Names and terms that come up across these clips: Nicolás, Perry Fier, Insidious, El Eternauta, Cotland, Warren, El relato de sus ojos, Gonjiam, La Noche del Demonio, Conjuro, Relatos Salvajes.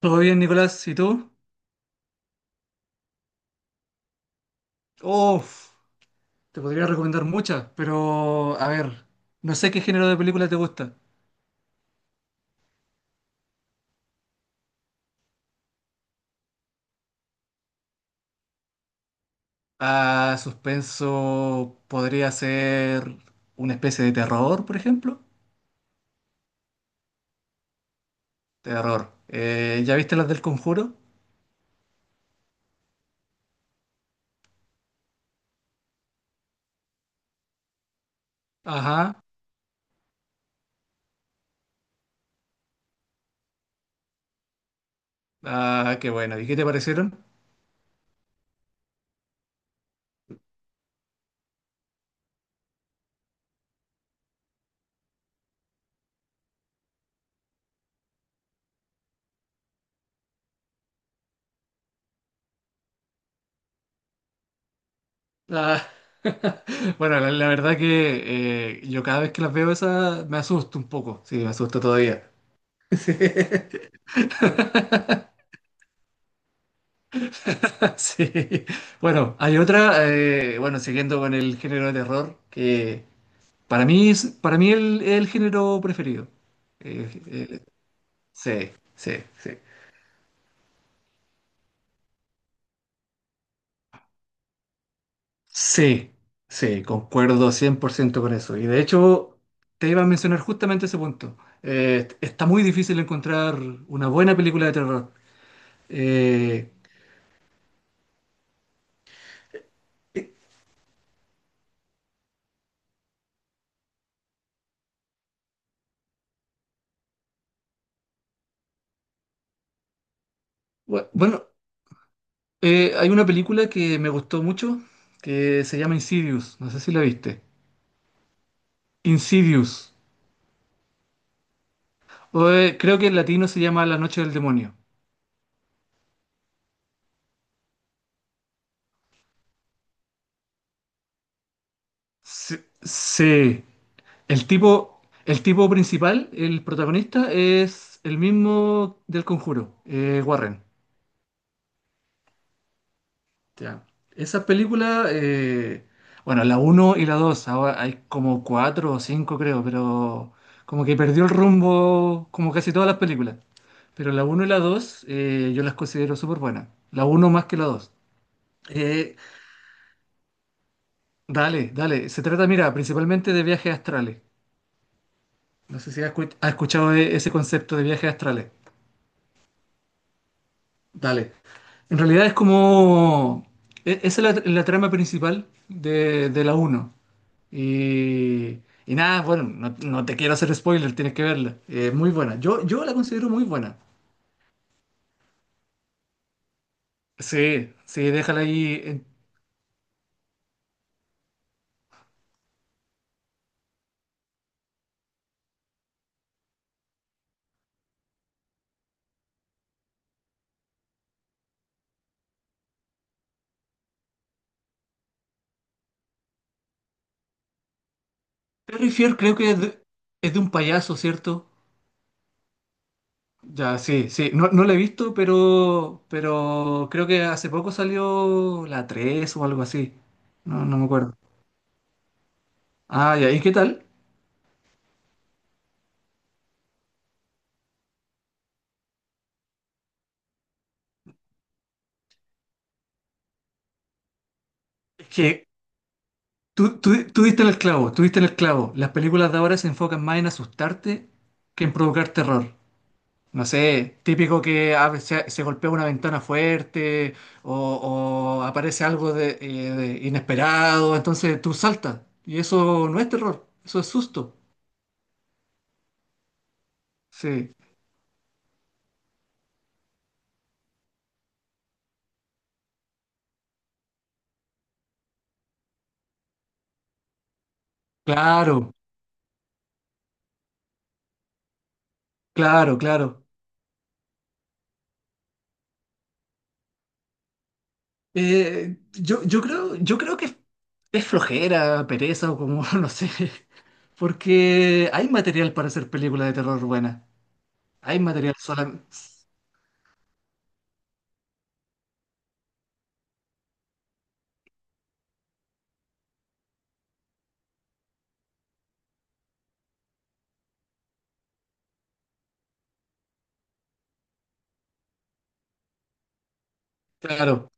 Todo bien, Nicolás, ¿y tú? Uf, te podría recomendar muchas, pero a ver, no sé qué género de película te gusta. Ah, suspenso podría ser una especie de terror, por ejemplo. Terror. ¿Ya viste las del Conjuro? Ajá. Ah, qué bueno. ¿Y qué te parecieron? Ah, Bueno, la verdad que yo cada vez que las veo esas me asusto un poco. Sí, me asusto todavía. Sí. Sí. Bueno, hay otra, bueno, siguiendo con el género de terror, que para mí es, para mí el género preferido. Eh, eh, sí, sí, sí. Sí, sí, concuerdo 100% con eso. Y de hecho, te iba a mencionar justamente ese punto. Está muy difícil encontrar una buena película de terror. Eh, eh, bueno, hay una película que me gustó mucho que se llama Insidious. No sé si la viste. Insidious. Creo que en latino se llama La Noche del Demonio. Sí. Sí. El tipo principal, el protagonista, es el mismo del Conjuro, Warren. Ya. Esa película, bueno, la uno y la 2, ahora hay como 4 o 5 creo, pero como que perdió el rumbo como casi todas las películas. Pero la uno y la 2, yo las considero súper buenas. La uno más que la 2. Eh, dale, dale. Se trata, mira, principalmente de viajes astrales. No sé si has escuchado ese concepto de viajes astrales. Dale. En realidad es como... e- Esa es la, la trama principal de la uno. Y, y nada, bueno, no, no te quiero hacer spoiler, tienes que verla. Es muy buena. Yo la considero muy buena. Sí, sí, déjala ahí. Perry Fier creo que es de un payaso, ¿cierto? Ya, sí, sí. No, no la he visto, pero creo que hace poco salió la 3 o algo así. No, no me acuerdo. Ah, ya. ¿Y qué tal? Es que tú diste en el clavo, tú diste en el clavo. Las películas de ahora se enfocan más en asustarte que en provocar terror. No sé, típico que a veces se, se golpea una ventana fuerte o aparece algo de inesperado, entonces tú saltas. Y eso no es terror, eso es susto. Sí, claro, claro, claro. Yo, yo creo que es flojera, pereza o como, no sé. Porque hay material para hacer películas de terror buenas. Hay material solamente. Claro,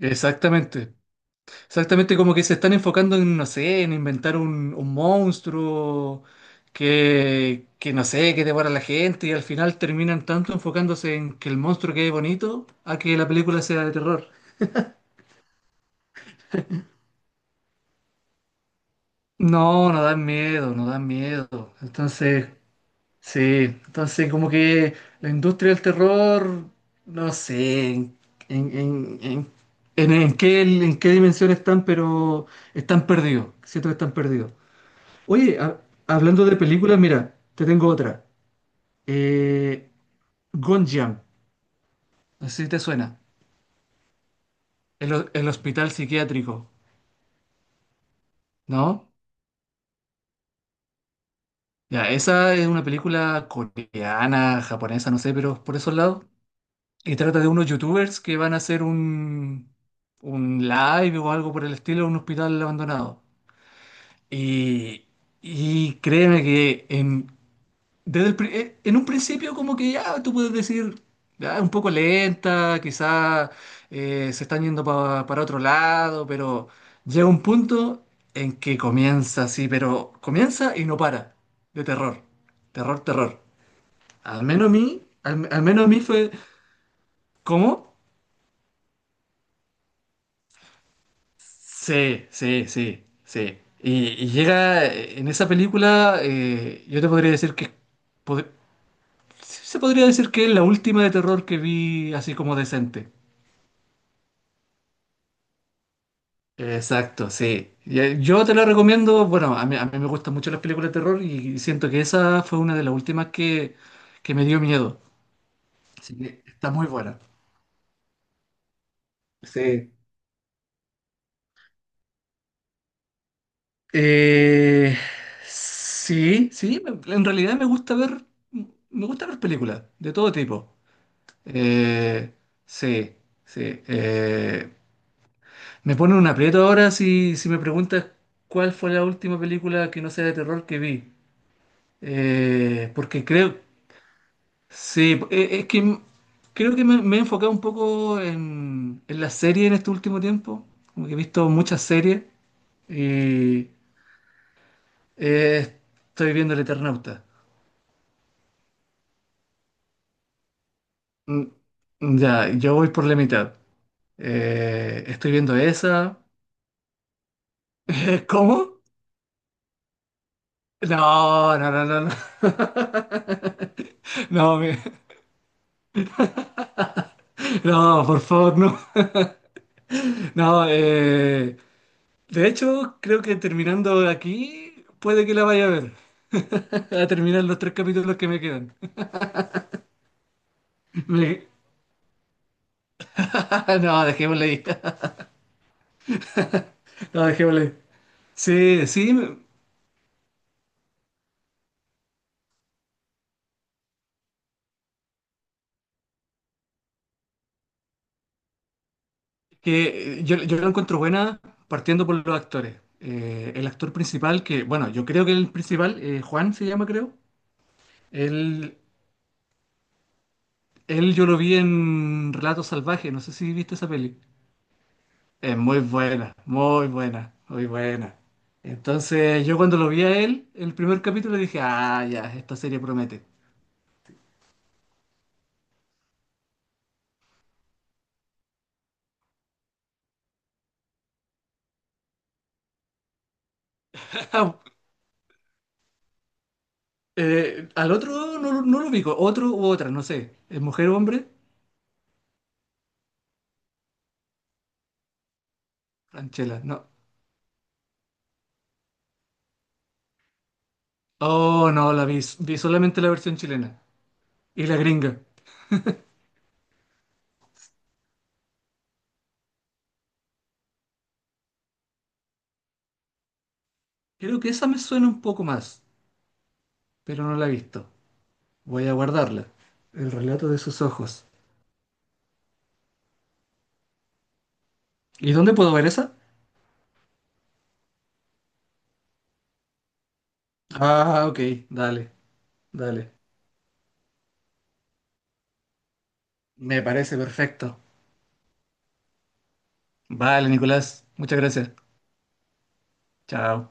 exactamente. Exactamente, como que se están enfocando en, no sé, en inventar un monstruo que, no sé, que devora a la gente y al final terminan tanto enfocándose en que el monstruo quede bonito a que la película sea de terror. No, no dan miedo, no dan miedo. Entonces, sí, entonces como que la industria del terror, no sé en, en, en, en qué, en qué dimensión están, pero están perdidos, siento que están perdidos. Oye, hablando de películas, mira, te tengo otra. Eh, Gonjiam, no sé si te suena, el, el hospital psiquiátrico, ¿no? Ya, esa es una película coreana, japonesa, no sé, pero por esos lados. Y trata de unos youtubers que van a hacer un live o algo por el estilo en un hospital abandonado. Y, y créeme que en, en un principio como que ya tú puedes decir, "Ah, es un poco lenta, quizás se están yendo para otro lado, pero llega un punto en que comienza así, pero comienza y no para, de terror, terror, terror. Al menos a mí, al al menos a mí fue, ¿cómo? Sí, sí, sí, sí. Y llega en esa película, yo te podría decir que pod- sí, se podría decir que es la última de terror que vi así como decente. Exacto, sí. Y, yo te la recomiendo, bueno, a mí me gustan mucho las películas de terror y siento que esa fue una de las últimas que me dio miedo. Así que está muy buena. Sí. Eh, en realidad me gusta ver películas de todo tipo. Eh, sí, sí. eh, Me pone un aprieto ahora si, si me preguntas cuál fue la última película que no sea de terror que vi. Eh, porque creo, sí, creo que me he enfocado un poco en la serie en este último tiempo. Como que he visto muchas series y eh, estoy viendo El Eternauta. Mm, ya, yo voy por la mitad. Estoy viendo esa. ¿Cómo? No, no, no, no, no. No, no, por favor, no. No, de hecho, creo que terminando aquí, puede que la vaya a ver. A terminar los tres capítulos que me quedan. Me- Ah, no, dejémosle ahí. No, dejémosle ahí. Sí, sí, me- que yo, yo la encuentro buena partiendo por los actores. El actor principal, que, bueno, yo creo que el principal, Juan se llama, creo. Él, él yo lo vi en Relatos Salvajes, no sé si viste esa peli. Es muy buena, muy buena, muy buena. Entonces, yo cuando lo vi a él, el primer capítulo dije, ah, ya, esta serie promete. Al otro no, no lo ubico, otro u otra, no sé. ¿Es mujer o hombre? Franchella, no. Oh, no, la vi, vi solamente la versión chilena y la gringa. Creo que esa me suena un poco más, pero no la he visto. Voy a guardarla. El relato de sus ojos. ¿Y dónde puedo ver esa? Ah, ok, dale, dale. Me parece perfecto. Vale, Nicolás, muchas gracias. Chao.